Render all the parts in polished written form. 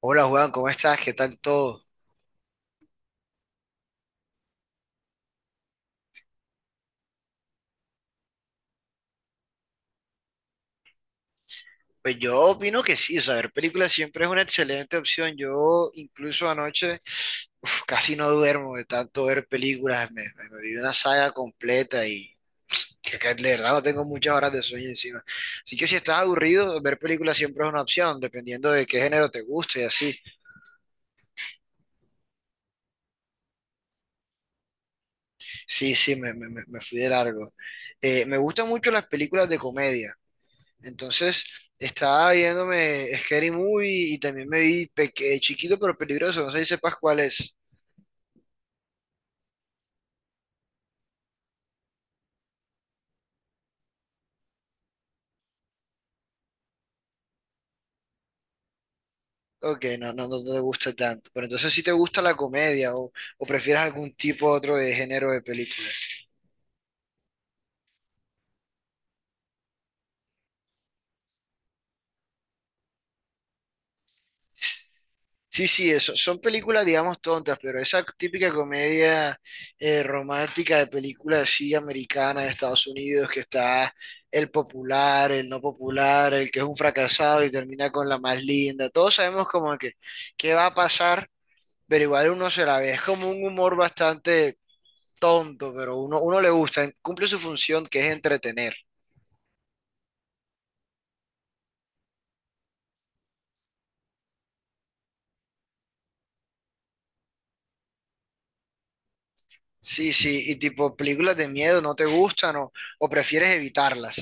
Hola Juan, ¿cómo estás? ¿Qué tal todo? Pues yo opino que sí, o sea, ver películas siempre es una excelente opción. Yo incluso anoche uf, casi no duermo de tanto ver películas, me vi una saga completa y que de verdad no tengo muchas horas de sueño encima. Así que si estás aburrido, ver películas siempre es una opción, dependiendo de qué género te guste y así. Sí, sí, me fui de largo. Me gustan mucho las películas de comedia. Entonces, estaba viéndome Scary Movie y también me vi Chiquito pero Peligroso, no sé si sepas cuál es. Ok, no, no, no te gusta tanto. Pero entonces si te gusta la comedia o prefieres algún tipo otro de género de película. Sí, sí, eso. Son películas, digamos, tontas, pero esa típica comedia romántica de película así americana de Estados Unidos que está el popular, el no popular, el que es un fracasado y termina con la más linda. Todos sabemos como que qué va a pasar, pero igual uno se la ve. Es como un humor bastante tonto, pero uno le gusta, cumple su función que es entretener. Sí, sí, y tipo películas de miedo no te gustan o prefieres evitarlas.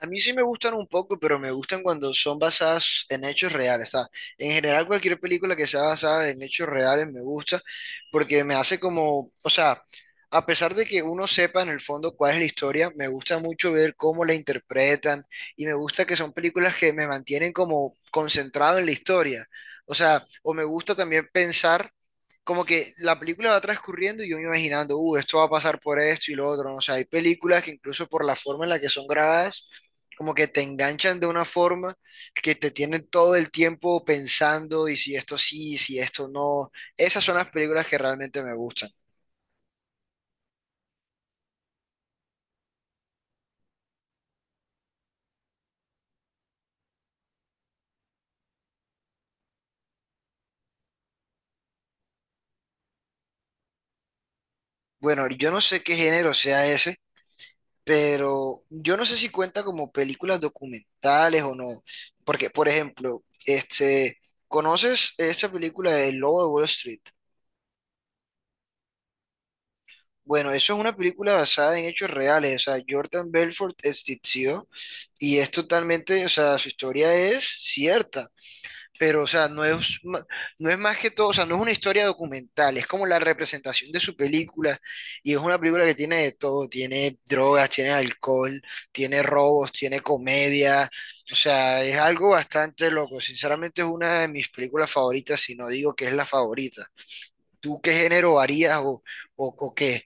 A mí sí me gustan un poco, pero me gustan cuando son basadas en hechos reales, ¿sabes? En general, cualquier película que sea basada en hechos reales me gusta porque me hace como, o sea, a pesar de que uno sepa en el fondo cuál es la historia, me gusta mucho ver cómo la interpretan y me gusta que son películas que me mantienen como concentrado en la historia. O sea, o me gusta también pensar como que la película va transcurriendo y yo me imaginando, esto va a pasar por esto y lo otro, ¿no? O sea, hay películas que incluso por la forma en la que son grabadas, como que te enganchan de una forma que te tienen todo el tiempo pensando y si esto sí, si esto no. Esas son las películas que realmente me gustan. Bueno, yo no sé qué género sea ese, pero yo no sé si cuenta como películas documentales o no, porque, por ejemplo, este, ¿conoces esta película de El Lobo de Wall Street? Bueno, eso es una película basada en hechos reales. O sea, Jordan Belfort existió y es totalmente, o sea, su historia es cierta. Pero, o sea, no es más que todo, o sea, no es una historia documental, es como la representación de su película. Y es una película que tiene de todo: tiene drogas, tiene alcohol, tiene robos, tiene comedia. O sea, es algo bastante loco. Sinceramente, es una de mis películas favoritas, si no digo que es la favorita. ¿Tú qué género harías o, o qué?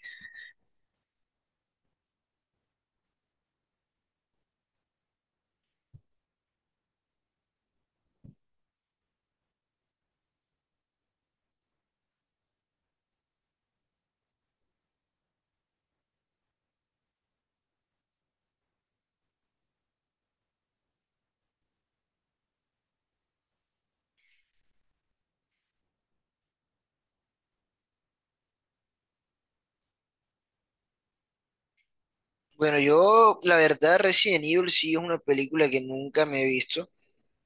Bueno, yo, la verdad, Resident Evil sí es una película que nunca me he visto.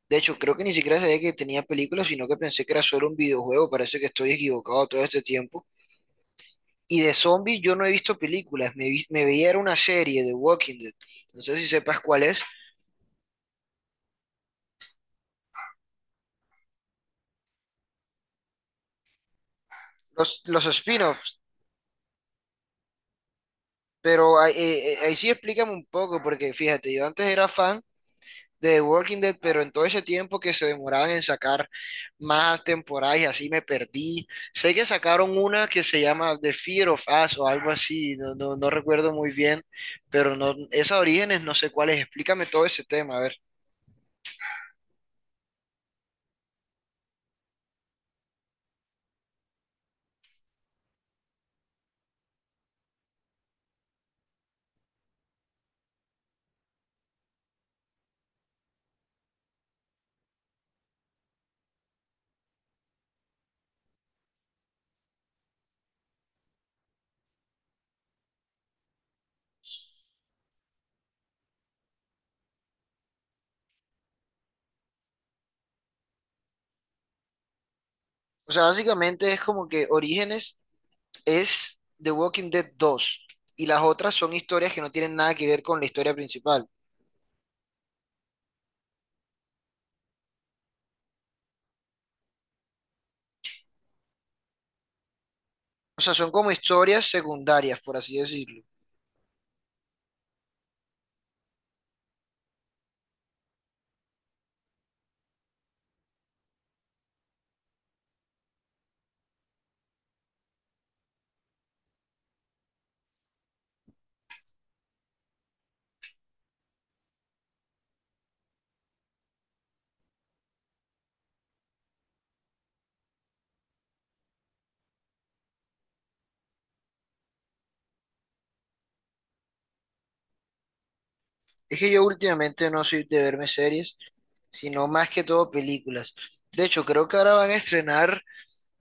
De hecho, creo que ni siquiera sabía que tenía películas, sino que pensé que era solo un videojuego. Parece que estoy equivocado todo este tiempo. Y de zombies yo no he visto películas. Me veía era una serie de Walking Dead. No sé si sepas cuál es. Los spin-offs. Pero ahí, ahí sí explícame un poco, porque fíjate, yo antes era fan de Walking Dead, pero en todo ese tiempo que se demoraban en sacar más temporadas y así me perdí. Sé que sacaron una que se llama The Fear of Us o algo así, no, no, no recuerdo muy bien, pero no, esas Orígenes no sé cuáles, explícame todo ese tema, a ver. O sea, básicamente es como que Orígenes es The Walking Dead 2 y las otras son historias que no tienen nada que ver con la historia principal. O sea, son como historias secundarias, por así decirlo. Es que yo últimamente no soy de verme series, sino más que todo películas. De hecho, creo que ahora van a estrenar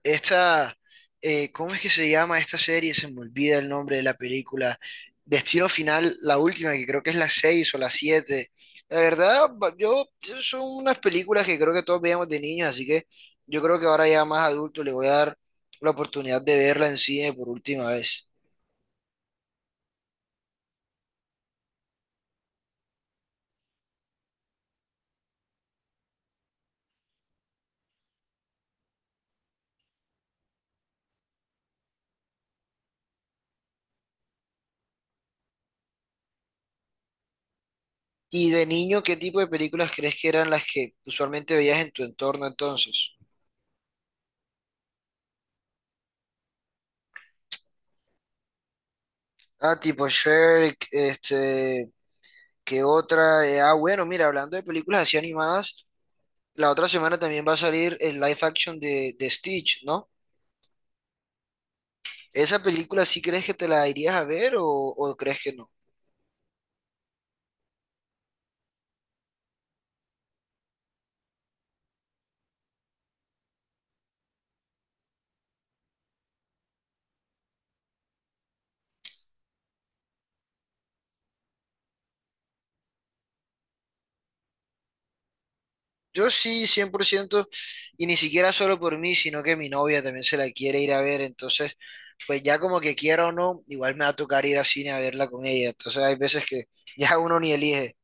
esta, ¿cómo es que se llama esta serie? Se me olvida el nombre de la película. Destino Final, la última, que creo que es la 6 o la siete. La verdad, yo son unas películas que creo que todos veíamos de niños, así que yo creo que ahora ya más adulto le voy a dar la oportunidad de verla en cine por última vez. Y de niño, ¿qué tipo de películas crees que eran las que usualmente veías en tu entorno entonces? Ah, tipo Shrek, este, ¿qué otra? Bueno, mira, hablando de películas así animadas, la otra semana también va a salir el live action de Stitch, ¿no? ¿Esa película sí crees que te la irías a ver o crees que no? Yo sí, 100%, y ni siquiera solo por mí, sino que mi novia también se la quiere ir a ver, entonces pues ya como que quiera o no, igual me va a tocar ir al cine a verla con ella, entonces hay veces que ya uno ni elige.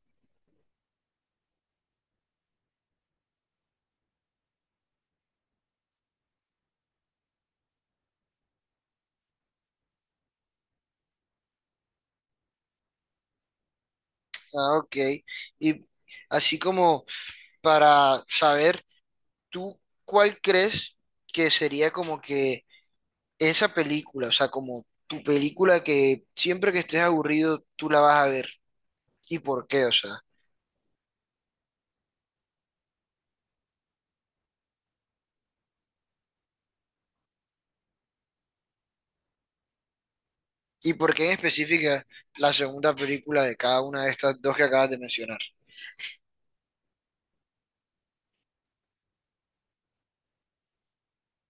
Ah, ok. Y así como para saber, ¿tú cuál crees que sería como que esa película, o sea, como tu película que siempre que estés aburrido tú la vas a ver? ¿Y por qué? O sea, ¿y por qué en específica la segunda película de cada una de estas dos que acabas de mencionar?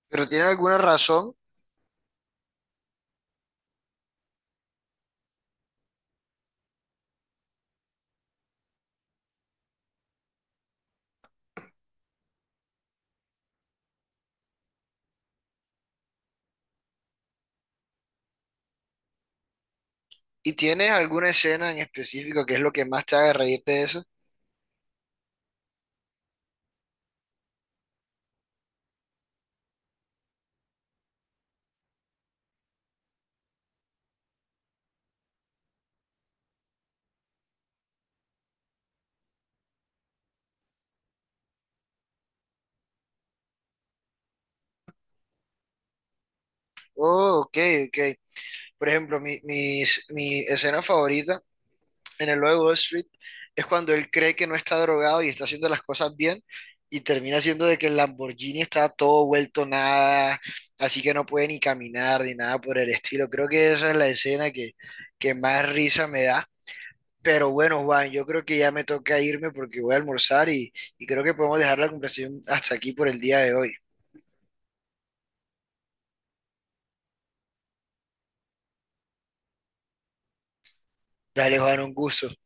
¿Pero tiene alguna razón? ¿Y tienes alguna escena en específico que es lo que más te haga reírte de eso? Oh, ok, ok. Por ejemplo, mi escena favorita en el logo de Wall Street, es cuando él cree que no está drogado y está haciendo las cosas bien y termina siendo de que el Lamborghini está todo vuelto nada, así que no puede ni caminar ni nada por el estilo. Creo que esa es la escena que más risa me da. Pero bueno, Juan, yo creo que ya me toca irme porque voy a almorzar y creo que podemos dejar la conversación hasta aquí por el día de hoy. Dale, Juan, un gusto.